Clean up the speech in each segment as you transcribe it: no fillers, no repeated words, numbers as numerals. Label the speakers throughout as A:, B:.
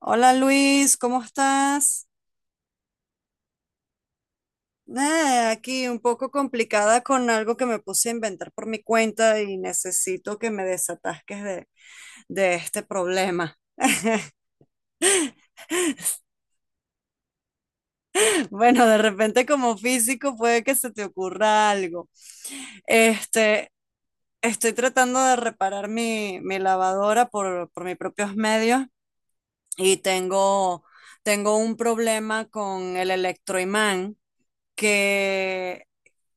A: Hola Luis, ¿cómo estás? Nada, aquí un poco complicada con algo que me puse a inventar por mi cuenta y necesito que me desatasques de este problema. Bueno, de repente como físico puede que se te ocurra algo. Este, estoy tratando de reparar mi lavadora por mis propios medios y tengo un problema con el electroimán que,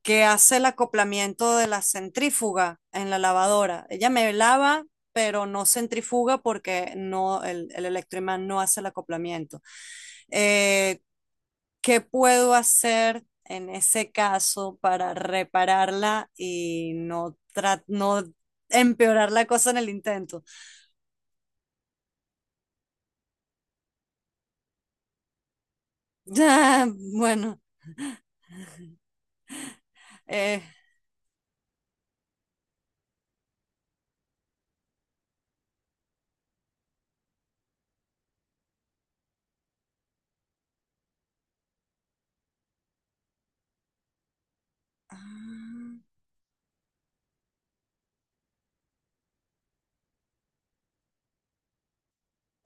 A: que hace el acoplamiento de la centrífuga en la lavadora. Ella me lava, pero no centrifuga porque no, el electroimán no hace el acoplamiento. Eh, ¿Qué puedo hacer en ese caso para repararla y no, no empeorar la cosa en el intento? Ah, bueno, eh,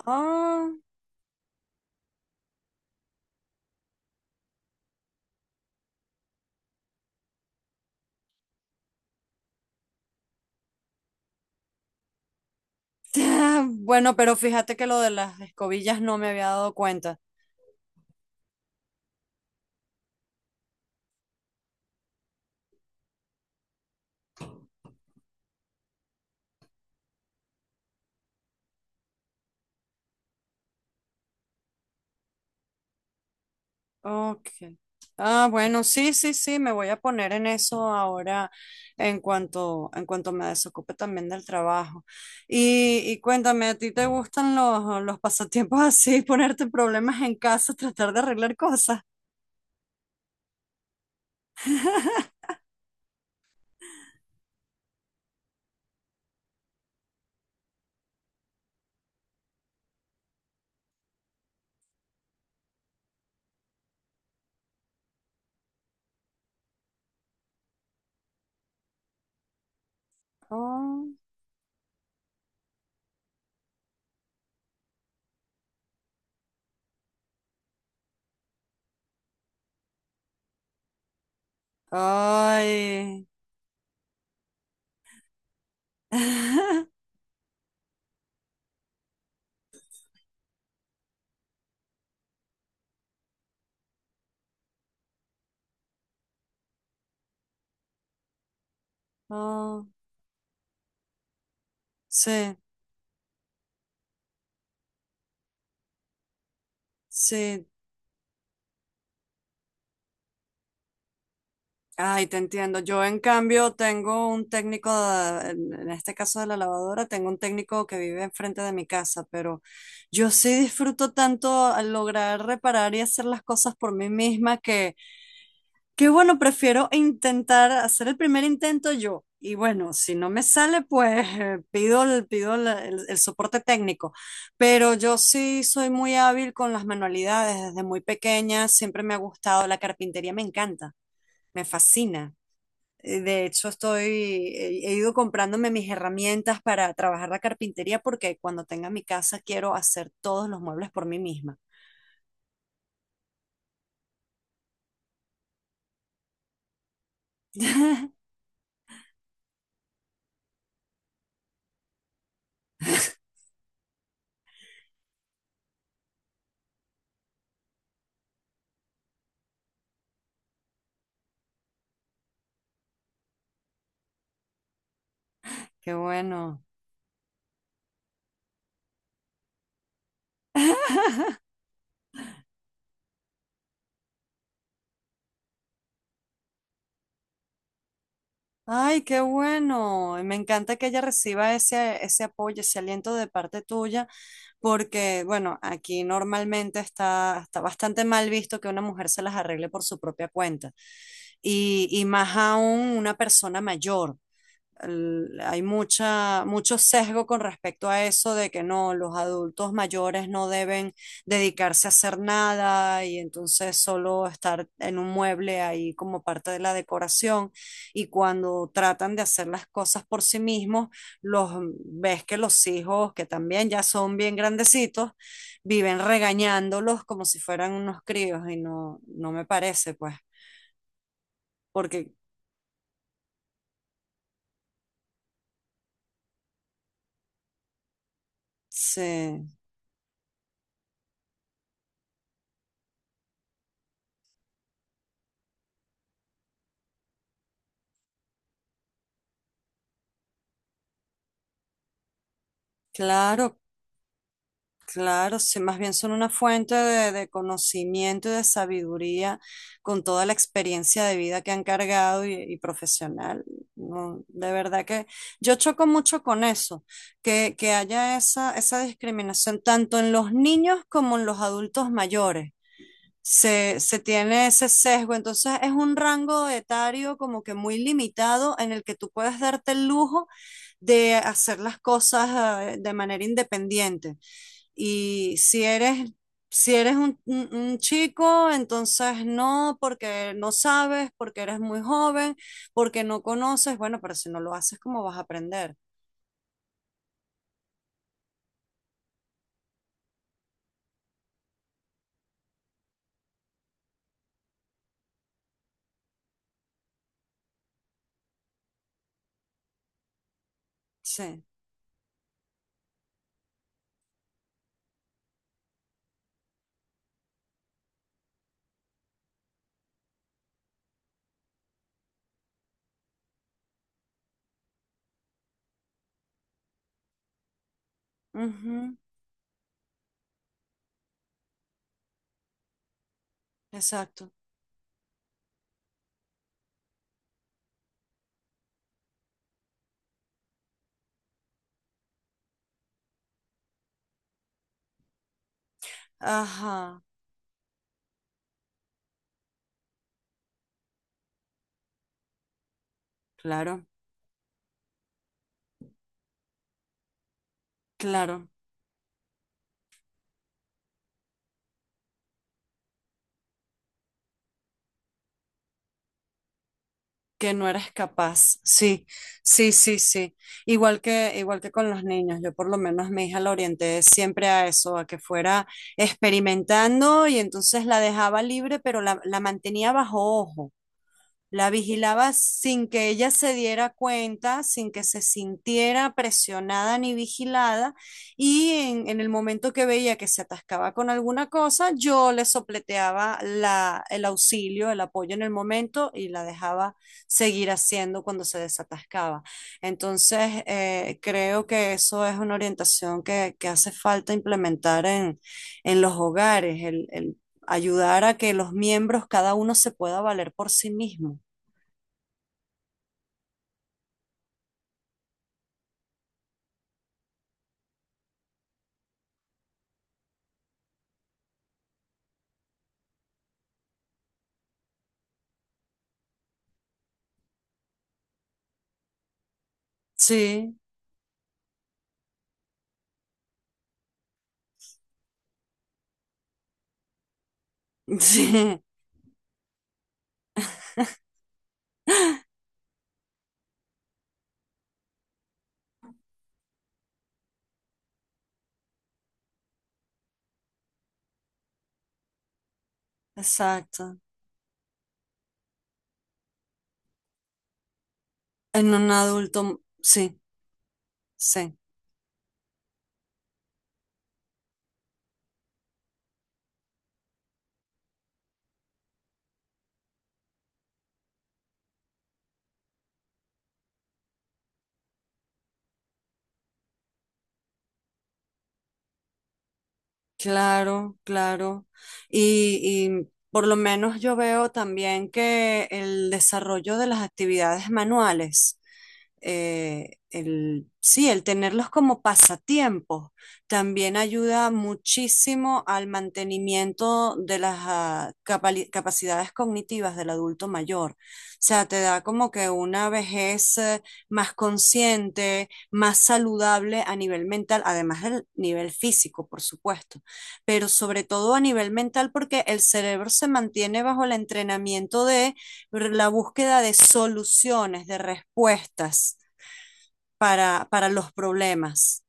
A: ah, Bueno, pero fíjate que lo de las escobillas no me había dado cuenta. Ok. Ah, bueno, sí, sí, sí, me voy a poner en eso ahora en cuanto me desocupe también del trabajo. Y cuéntame, ¿a ti te gustan los pasatiempos así, ponerte problemas en casa, tratar de arreglar cosas? Oh, ay. Oh, sí, sí, ay, te entiendo. Yo, en cambio, tengo un técnico, en este caso de la lavadora, tengo un técnico que vive enfrente de mi casa, pero yo sí disfruto tanto al lograr reparar y hacer las cosas por mí misma que bueno, prefiero intentar hacer el primer intento yo. Y bueno, si no me sale, pues pido, pido el soporte técnico. Pero yo sí soy muy hábil con las manualidades. Desde muy pequeña siempre me ha gustado. La carpintería me encanta, me fascina. De hecho, he ido comprándome mis herramientas para trabajar la carpintería porque cuando tenga mi casa quiero hacer todos los muebles por mí misma. Qué bueno. Ay, qué bueno. Y me encanta que ella reciba ese apoyo, ese aliento de parte tuya, porque, bueno, aquí normalmente está bastante mal visto que una mujer se las arregle por su propia cuenta. Y más aún una persona mayor. Hay mucho sesgo con respecto a eso de que no, los adultos mayores no deben dedicarse a hacer nada y entonces solo estar en un mueble ahí como parte de la decoración. Y cuando tratan de hacer las cosas por sí mismos, los ves que los hijos, que también ya son bien grandecitos, viven regañándolos como si fueran unos críos y no, no me parece, pues, porque se... Claro, claro, sí, más bien son una fuente de conocimiento y de sabiduría con toda la experiencia de vida que han cargado y profesional. No, de verdad que yo choco mucho con eso, que haya esa discriminación tanto en los niños como en los adultos mayores se tiene ese sesgo. Entonces es un rango etario como que muy limitado en el que tú puedes darte el lujo de hacer las cosas de manera independiente. Y si si eres un chico, entonces no, porque no sabes, porque eres muy joven, porque no conoces. Bueno, pero si no lo haces, ¿cómo vas a aprender? Sí. Ujú, exacto. Ajá. Claro, claro. Que no eres capaz. Sí, sí, sí, sí. Igual que con los niños, yo por lo menos mi hija la orienté siempre a eso, a que fuera experimentando y entonces la dejaba libre, pero la mantenía bajo ojo. La vigilaba sin que ella se diera cuenta, sin que se sintiera presionada ni vigilada, y en el momento que veía que se atascaba con alguna cosa, yo le sopleteaba el auxilio, el apoyo en el momento y la dejaba seguir haciendo cuando se desatascaba. Entonces, creo que eso es una orientación que hace falta implementar en los hogares, el ayudar a que los miembros, cada uno se pueda valer por sí mismo. Sí, sí, exacto. En un adulto, sí, sí. Claro, claro. Y, y por lo menos yo veo también que el desarrollo de las actividades manuales, sí, el tenerlos como pasatiempos, también ayuda muchísimo al mantenimiento de las capacidades cognitivas del adulto mayor. O sea, te da como que una vejez más consciente, más saludable a nivel mental, además del nivel físico, por supuesto, pero sobre todo a nivel mental, porque el cerebro se mantiene bajo el entrenamiento de la búsqueda de soluciones, de respuestas para los problemas.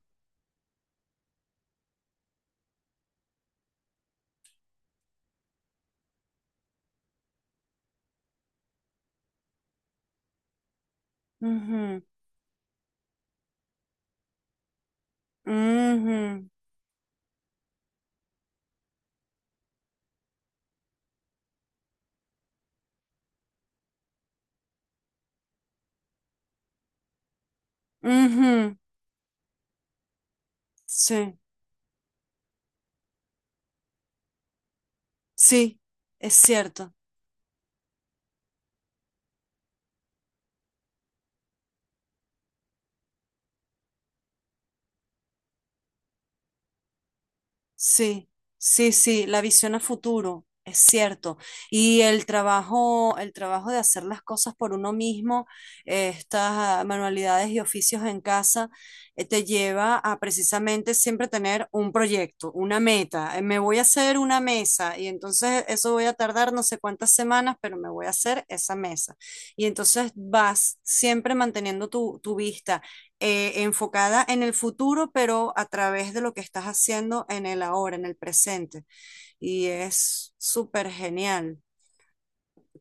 A: Ujú, ujú, ujú. Sí, sí, es cierto. Sí, sí, sí, la visión a futuro, es cierto. Y el trabajo de hacer las cosas por uno mismo, estas manualidades y oficios en casa, te lleva a precisamente siempre tener un proyecto, una meta. Me voy a hacer una mesa y entonces eso voy a tardar no sé cuántas semanas, pero me voy a hacer esa mesa. Y entonces vas siempre manteniendo tu vista enfocada en el futuro, pero a través de lo que estás haciendo en el ahora, en el presente. Y es súper genial.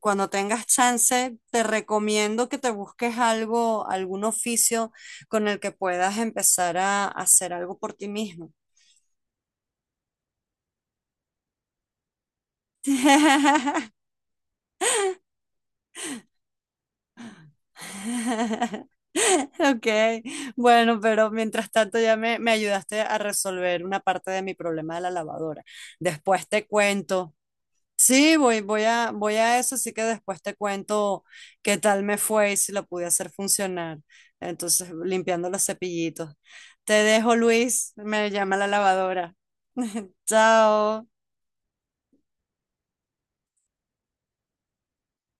A: Cuando tengas chance, te recomiendo que te busques algo, algún oficio con el que puedas empezar a hacer algo por ti mismo. Ok, bueno, pero mientras tanto ya me ayudaste a resolver una parte de mi problema de la lavadora. Después te cuento. Sí, voy a eso, así que después te cuento qué tal me fue y si lo pude hacer funcionar. Entonces, limpiando los cepillitos. Te dejo, Luis, me llama la lavadora. Chao.